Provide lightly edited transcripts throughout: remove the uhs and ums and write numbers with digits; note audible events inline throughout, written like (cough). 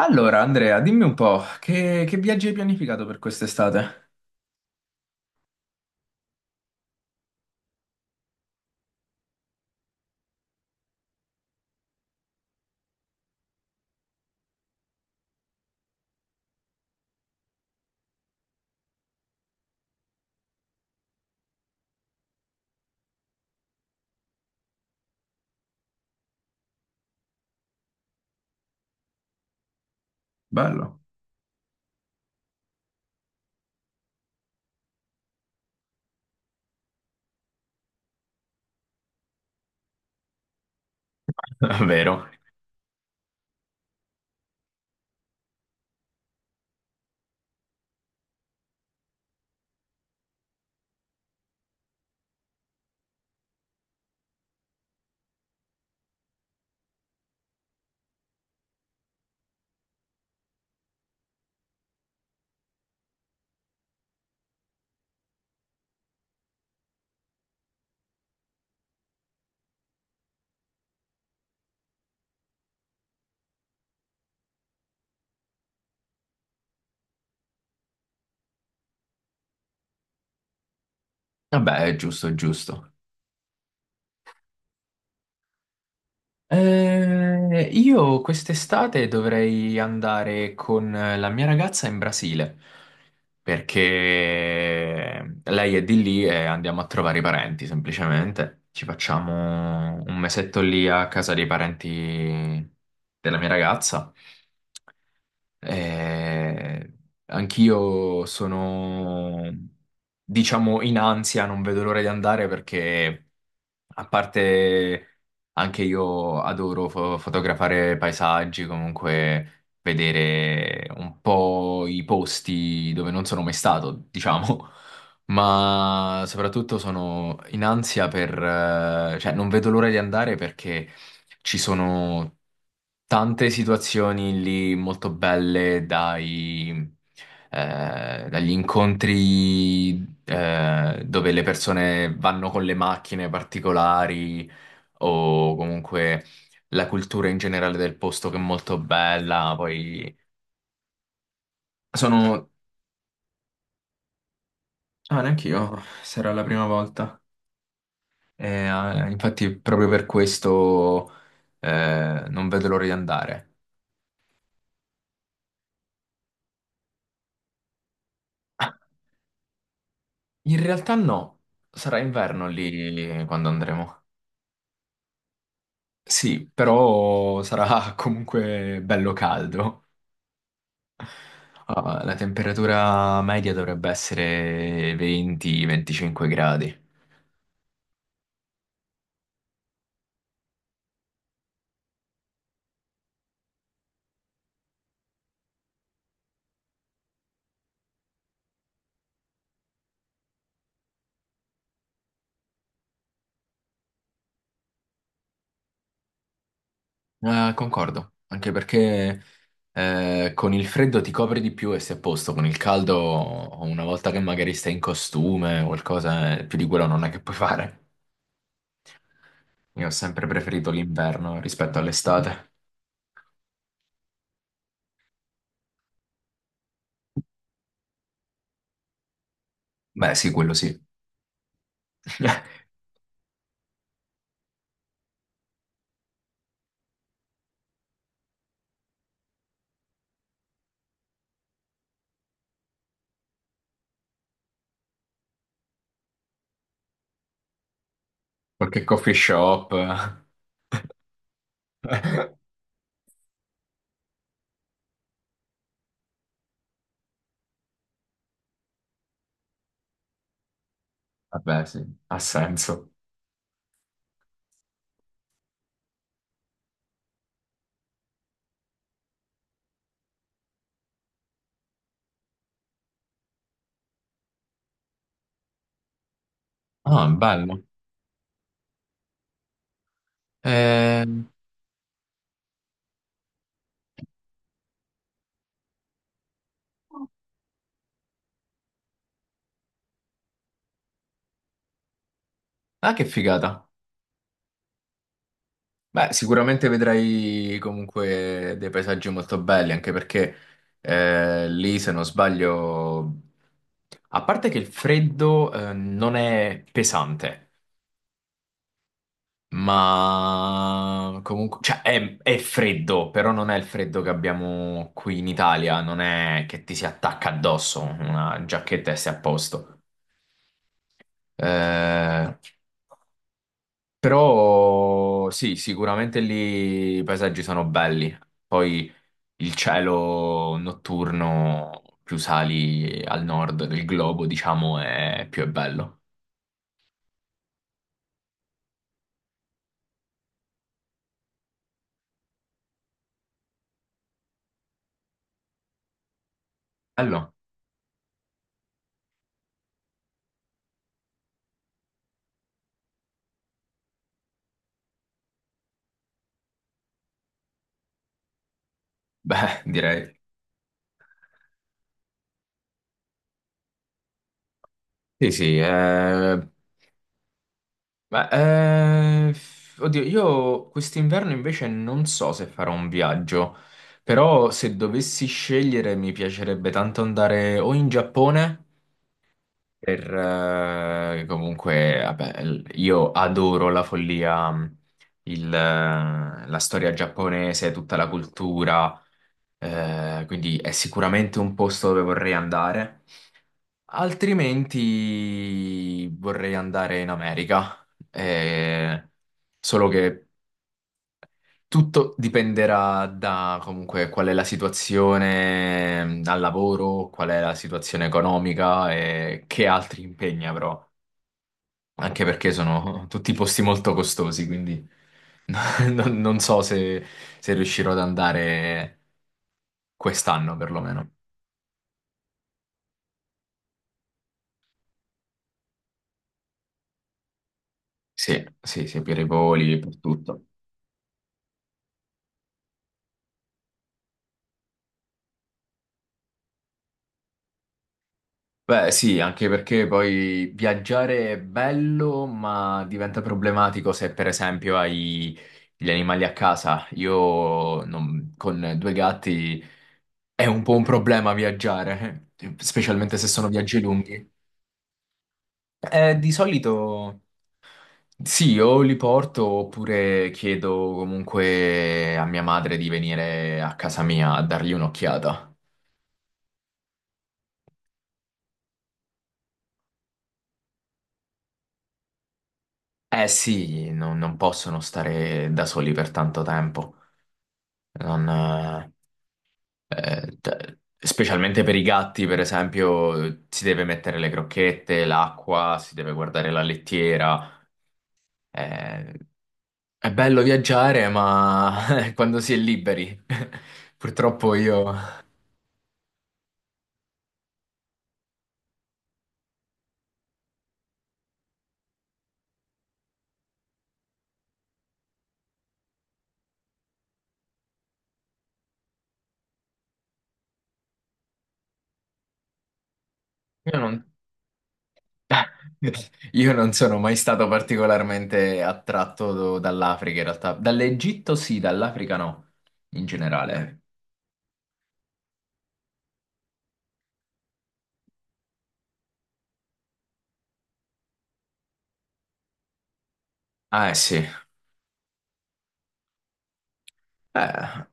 Allora, Andrea, dimmi un po', che viaggi hai pianificato per quest'estate? Bello, (laughs) vero? Vabbè, è giusto, è giusto. Io quest'estate dovrei andare con la mia ragazza in Brasile perché lei è di lì e andiamo a trovare i parenti semplicemente. Ci facciamo un mesetto lì a casa dei parenti della mia ragazza. Eh, Anch'io sono, diciamo, in ansia, non vedo l'ora di andare perché, a parte, anche io adoro fotografare paesaggi, comunque vedere un po' i posti dove non sono mai stato, diciamo. (laughs) Ma soprattutto sono in ansia per, cioè non vedo l'ora di andare perché ci sono tante situazioni lì molto belle dai, dagli incontri, dove le persone vanno con le macchine particolari, o comunque la cultura in generale del posto che è molto bella. Poi sono... Ah, neanche io, sarà la prima volta. E, infatti proprio per questo non vedo l'ora di andare. Ah, in realtà no, sarà inverno lì quando andremo. Sì, però sarà (laughs) comunque bello caldo. Ah, la temperatura media dovrebbe essere 20-25 gradi. Ah, concordo, anche perché, con il freddo ti copri di più e sei a posto, con il caldo una volta che magari stai in costume o qualcosa, più di quello non è che puoi fare. Io ho sempre preferito l'inverno rispetto all'estate. Beh, sì, quello sì. (laughs) Qualche coffee shop. (laughs) Vabbè, sì, ha senso. Ah, bello. Eh, ah, che figata. Beh, sicuramente vedrai comunque dei paesaggi molto belli, anche perché, lì, se non sbaglio, a parte che il freddo non è pesante, ma comunque, è freddo, però non è il freddo che abbiamo qui in Italia, non è che ti si attacca addosso una giacchetta e sei a posto. Eh, Però sì, sicuramente lì i paesaggi sono belli. Poi il cielo notturno, più sali al nord del globo, diciamo, è bello. Bello? Beh, (laughs) direi. Sì, sì. Beh, eh, Oddio, io quest'inverno invece non so se farò un viaggio, però se dovessi scegliere mi piacerebbe tanto andare o in Giappone. Per, comunque, vabbè, io adoro la follia, il, eh, la storia giapponese, tutta la cultura, quindi è sicuramente un posto dove vorrei andare. Altrimenti vorrei andare in America, eh, solo che tutto dipenderà da comunque qual è la situazione, al lavoro, qual è la situazione economica e che altri impegni avrò. Anche perché sono (laughs) tutti posti molto costosi, quindi (laughs) non so se, se riuscirò ad andare quest'anno perlomeno. Sì, sì, sì, per i voli, per tutto. Beh, sì, anche perché poi viaggiare è bello, ma diventa problematico se per esempio hai gli animali a casa. Io con due gatti è un po' un problema viaggiare, (laughs) specialmente se sono viaggi lunghi. Di solito. Sì, o li porto oppure chiedo comunque a mia madre di venire a casa mia a dargli un'occhiata. Eh sì, non possono stare da soli per tanto tempo. Non, t- Specialmente per i gatti, per esempio, si deve mettere le crocchette, l'acqua, si deve guardare la lettiera. Eh, è bello viaggiare, ma (laughs) quando si è liberi. (laughs) Purtroppo io... Io non, (laughs) io non sono mai stato particolarmente attratto dall'Africa in realtà. Dall'Egitto sì, dall'Africa no, in generale. Ah, eh sì. Eh,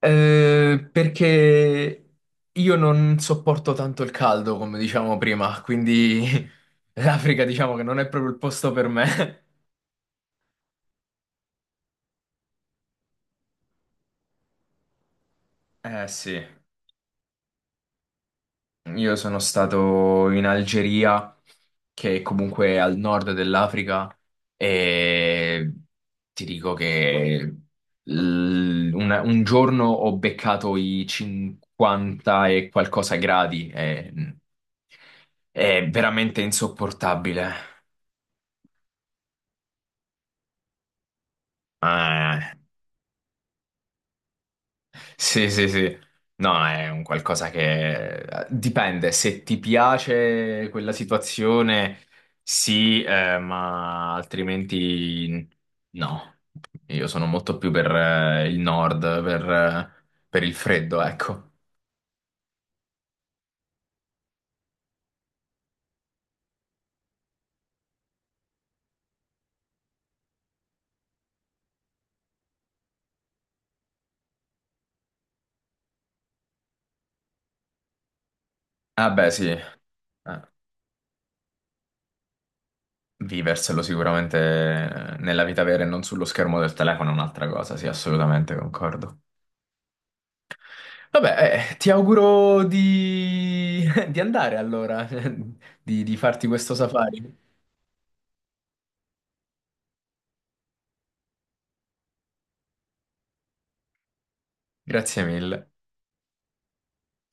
Perché io non sopporto tanto il caldo, come diciamo prima, quindi (laughs) l'Africa diciamo che non è proprio il posto per me. Eh sì. Io sono stato in Algeria, che comunque è comunque al nord dell'Africa, e ti dico che un giorno ho beccato i 50 e qualcosa gradi, è veramente insopportabile. Eh. Sì, sì, sì. No, è un qualcosa che, dipende. Se ti piace quella situazione, sì, ma altrimenti no. Io sono molto più per, il nord, per il freddo, ecco. Ah, beh, sì. Eh, viverselo sicuramente nella vita vera e non sullo schermo del telefono è un'altra cosa, sì, assolutamente concordo. Vabbè, ti auguro di, (laughs) di andare allora, (laughs) di farti questo safari. Grazie mille.